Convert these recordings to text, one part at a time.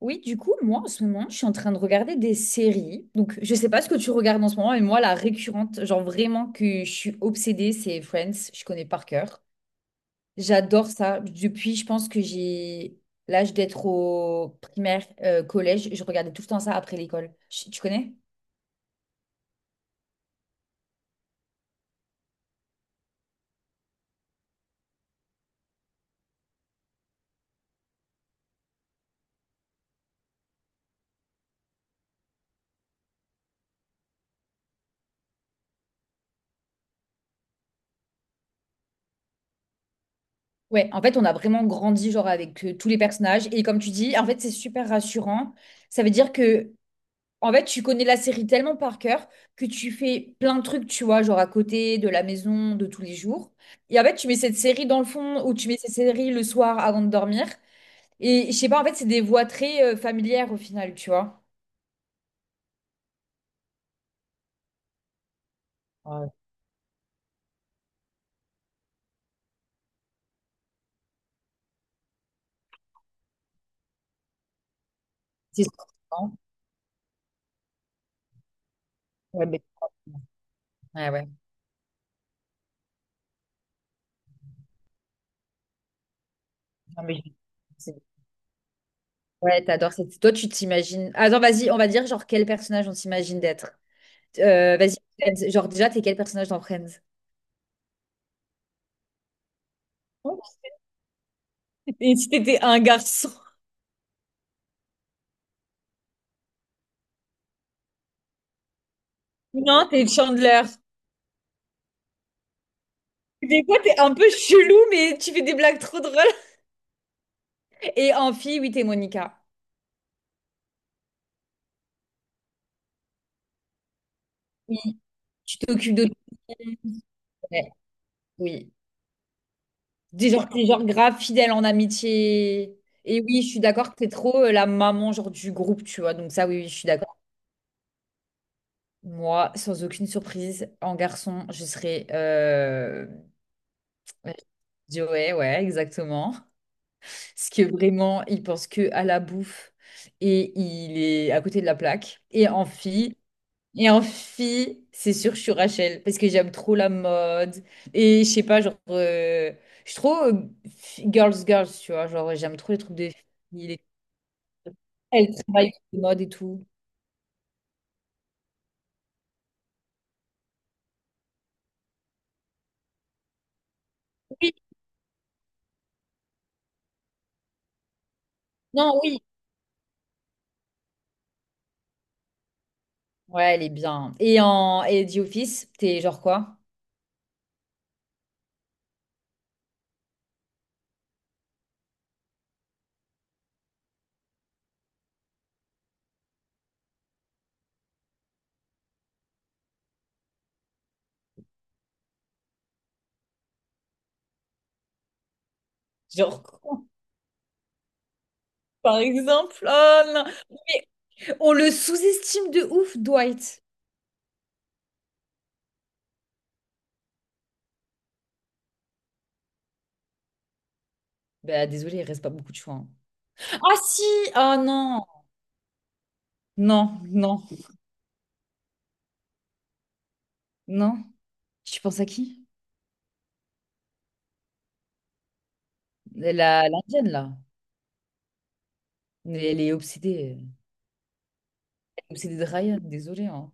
Oui, du coup, moi, en ce moment, je suis en train de regarder des séries. Donc, je sais pas ce que tu regardes en ce moment, mais moi, la récurrente, genre vraiment que je suis obsédée, c'est Friends. Je connais par cœur. J'adore ça. Depuis, je pense que j'ai l'âge d'être au primaire, collège. Je regardais tout le temps ça après l'école. Tu connais? Ouais, en fait, on a vraiment grandi, genre, avec tous les personnages. Et comme tu dis, en fait, c'est super rassurant. Ça veut dire que en fait, tu connais la série tellement par cœur que tu fais plein de trucs, tu vois, genre à côté de la maison, de tous les jours. Et en fait, tu mets cette série dans le fond ou tu mets cette série le soir avant de dormir. Et je sais pas, en fait, c'est des voix très familières au final, tu vois. Ouais. C'est souvent. Ouais, mais... ouais, ouais. Non, mais je- c'est- Ouais, t'adores cette... Toi, tu t'imagines... Attends, vas-y, on va dire genre quel personnage on s'imagine d'être. Vas-y, Friends. Genre déjà, t'es quel personnage dans Friends? Oh, et si t'étais un garçon? Non, t'es Chandler. Des fois, t'es un peu chelou, mais tu fais des blagues trop drôles. Et en fille, oui, t'es Monica. Oui, tu t'occupes de tout. Ouais, oui. Des genre, t'es genre grave fidèle en amitié. Et oui, je suis d'accord que t'es trop la maman genre du groupe, tu vois. Donc ça, oui, oui, je suis d'accord. Moi, sans aucune surprise, en garçon, je serais... Je Ouais, ouais, exactement. Parce que vraiment, il pense que à la bouffe et il est à côté de la plaque. Et en fille, c'est sûr, je suis Rachel parce que j'aime trop la mode. Et je sais pas, genre, je suis trop girls, girls, tu vois. Genre, j'aime trop les trucs de filles. Elle travaille sur les modes et tout. Oui, non, oui. Ouais, elle est bien. Et The Office, t'es genre quoi? Genre quoi, par exemple? Oh non. Mais on le sous-estime de ouf, Dwight. Bah, désolé, il reste pas beaucoup de choix, hein. Ah si! Ah non! Non, non, non. Tu penses à qui? La, l'Indienne, là. Elle est obsédée. Elle est obsédée de Ryan, désolée, hein.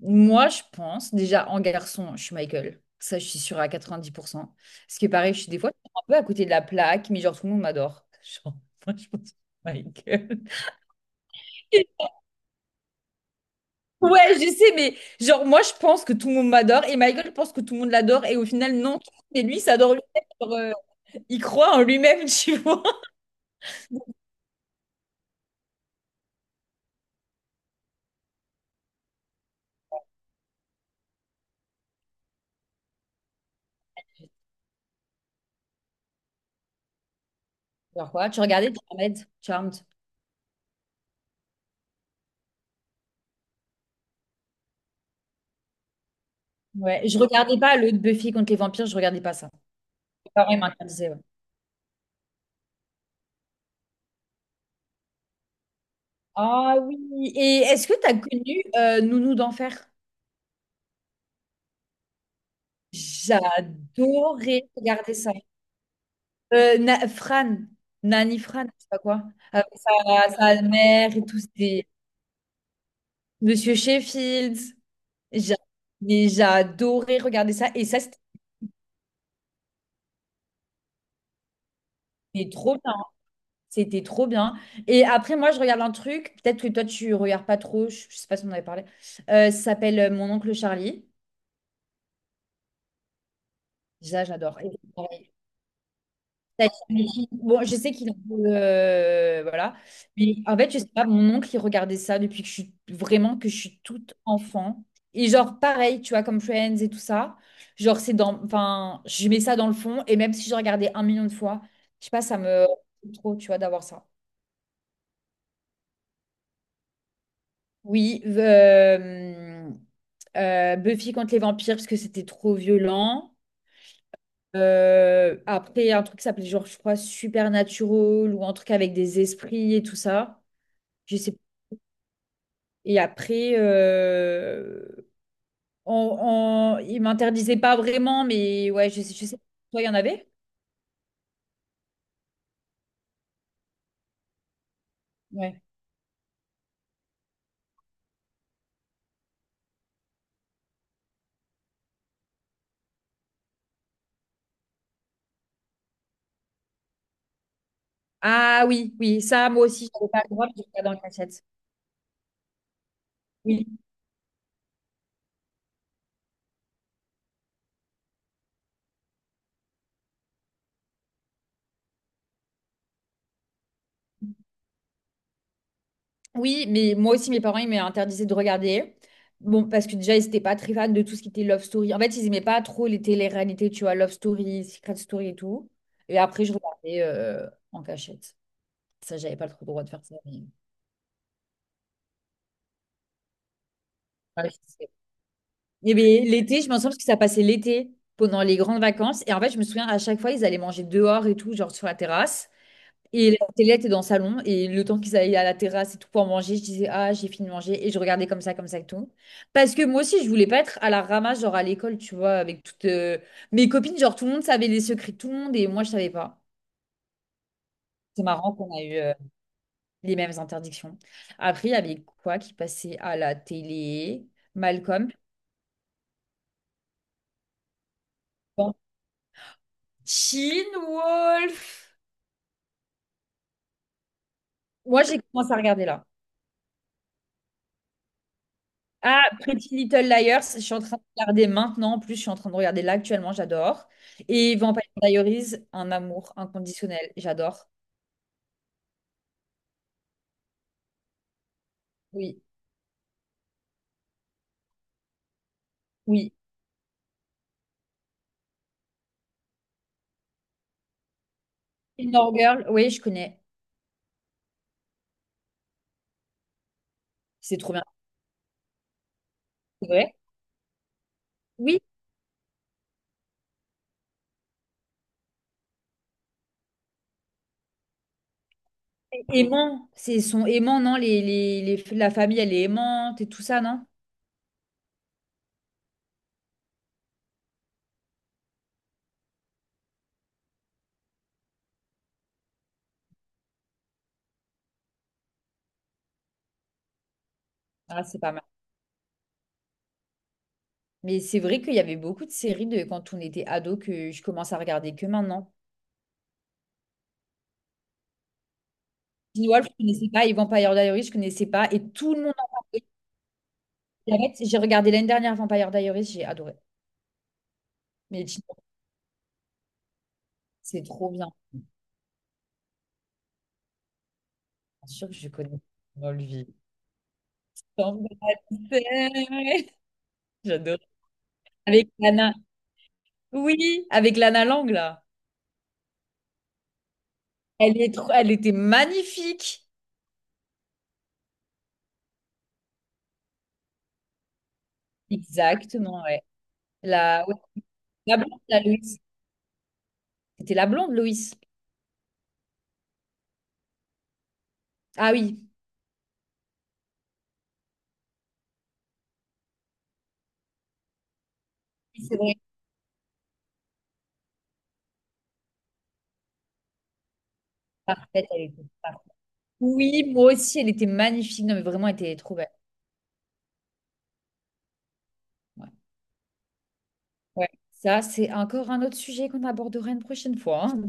Moi, je pense, déjà, en garçon, je suis Michael. Ça, je suis sûre à 90%. Ce qui est pareil, je suis des fois un peu à côté de la plaque, mais genre, tout le monde m'adore. Genre, moi, je pense que Michael. Ouais, je sais, mais genre, moi, je pense que tout le monde m'adore et Michael pense que tout le monde l'adore et au final, non. Mais lui, il s'adore lui-même, genre, il croit en lui-même, tu vois. Genre quoi? Tu regardais Charmed? Charmed. Ouais, je regardais pas le Buffy contre les vampires, je regardais pas ça. Parents incarnés, ouais. Ah oui. Et est-ce que tu as connu Nounou d'enfer? J'adorais regarder ça. Fran, Nani Fran, je sais pas quoi. Avec sa mère et tout. C'était Monsieur Sheffield. J'a- Mais j'adorais regarder ça. Et ça, c'était trop bien. C'était trop bien. Et après, moi, je regarde un truc. Peut-être que toi, tu regardes pas trop. Je sais pas si on en avait parlé. Ça s'appelle Mon oncle Charlie. Ça, j'adore. Ça, j'imagine. Bon, je sais qu'il en veut, voilà. Mais en fait, je sais pas, mon oncle, il regardait ça depuis que je suis vraiment que je suis toute enfant. Et genre, pareil, tu vois, comme Friends et tout ça. Genre, c'est dans. Enfin, je mets ça dans le fond. Et même si je regardais un million de fois, je sais pas, ça me. Trop, tu vois, d'avoir ça. Oui, Buffy contre les vampires, parce que c'était trop violent. Après, un truc qui s'appelait, genre, je crois, Supernatural ou un truc avec des esprits et tout ça. Je sais et après, il m'interdisait pas vraiment, mais ouais, je sais pas. Toi, il y en avait? Ouais. Ah oui, oui, ça, moi aussi, j'avais pas le droit, je regardais en cachette. Oui. Oui, mais moi aussi, mes parents, ils m'interdisaient de regarder. Bon, parce que déjà, ils n'étaient pas très fans de tout ce qui était Love Story. En fait, ils n'aimaient pas trop les télé-réalités, tu vois, Love Story, Secret Story et tout. Et après, je regardais en cachette. Ça, j'avais pas trop le droit de faire ça, mais- Ouais, eh bien, l'été, je m'en souviens parce que ça passait l'été pendant les grandes vacances. Et en fait, je me souviens à chaque fois, ils allaient manger dehors et tout, genre sur la terrasse. Et la télé était dans le salon. Et le temps qu'ils allaient à la terrasse et tout pour manger, je disais, ah, j'ai fini de manger. Et je regardais comme ça et tout. Parce que moi aussi, je voulais pas être à la ramasse, genre à l'école, tu vois, avec toutes mes copines. Genre, tout le monde savait les secrets de tout le monde et moi, je savais pas. C'est marrant qu'on a eu les mêmes interdictions. Après, il y avait quoi qui passait à la télé? Malcolm, Teen Wolf. Moi, j'ai commencé à regarder là. Ah, Pretty Little Liars, je suis en train de regarder maintenant. En plus, je suis en train de regarder là actuellement, j'adore. Et Vampire Diaries, un amour inconditionnel, j'adore. Oui, oui. Gilmore Girl, oui, je connais. C'est trop bien, c'est vrai. Oui, c'est aimant. C'est son aimant, non? La famille, elle est aimante et tout ça, non? Ah, c'est pas mal. Mais c'est vrai qu'il y avait beaucoup de séries de quand on était ado que je commence à regarder que maintenant. Teen Wolf, je connaissais pas. Et Vampire Diaries, je connaissais pas. Et tout le monde en parle. Arrête, j'ai regardé l'année dernière Vampire Diaries, j'ai adoré. Mais Gilmore c'est trop bien. Bien sûr que je connais Molly. J'adore. Avec Lana. Oui, avec Lana Lang, là. Elle est trop... elle était magnifique. Exactement, ouais. La, ouais, la blonde, la Loïs. C'était la blonde, Loïs. Ah oui, oui, c'est vrai. Parfaite, elle était parfaite. Oui, moi aussi, elle était magnifique. Non, mais vraiment, elle était trop belle. Ouais. Ouais. Ça, c'est encore un autre sujet qu'on abordera une prochaine fois, hein.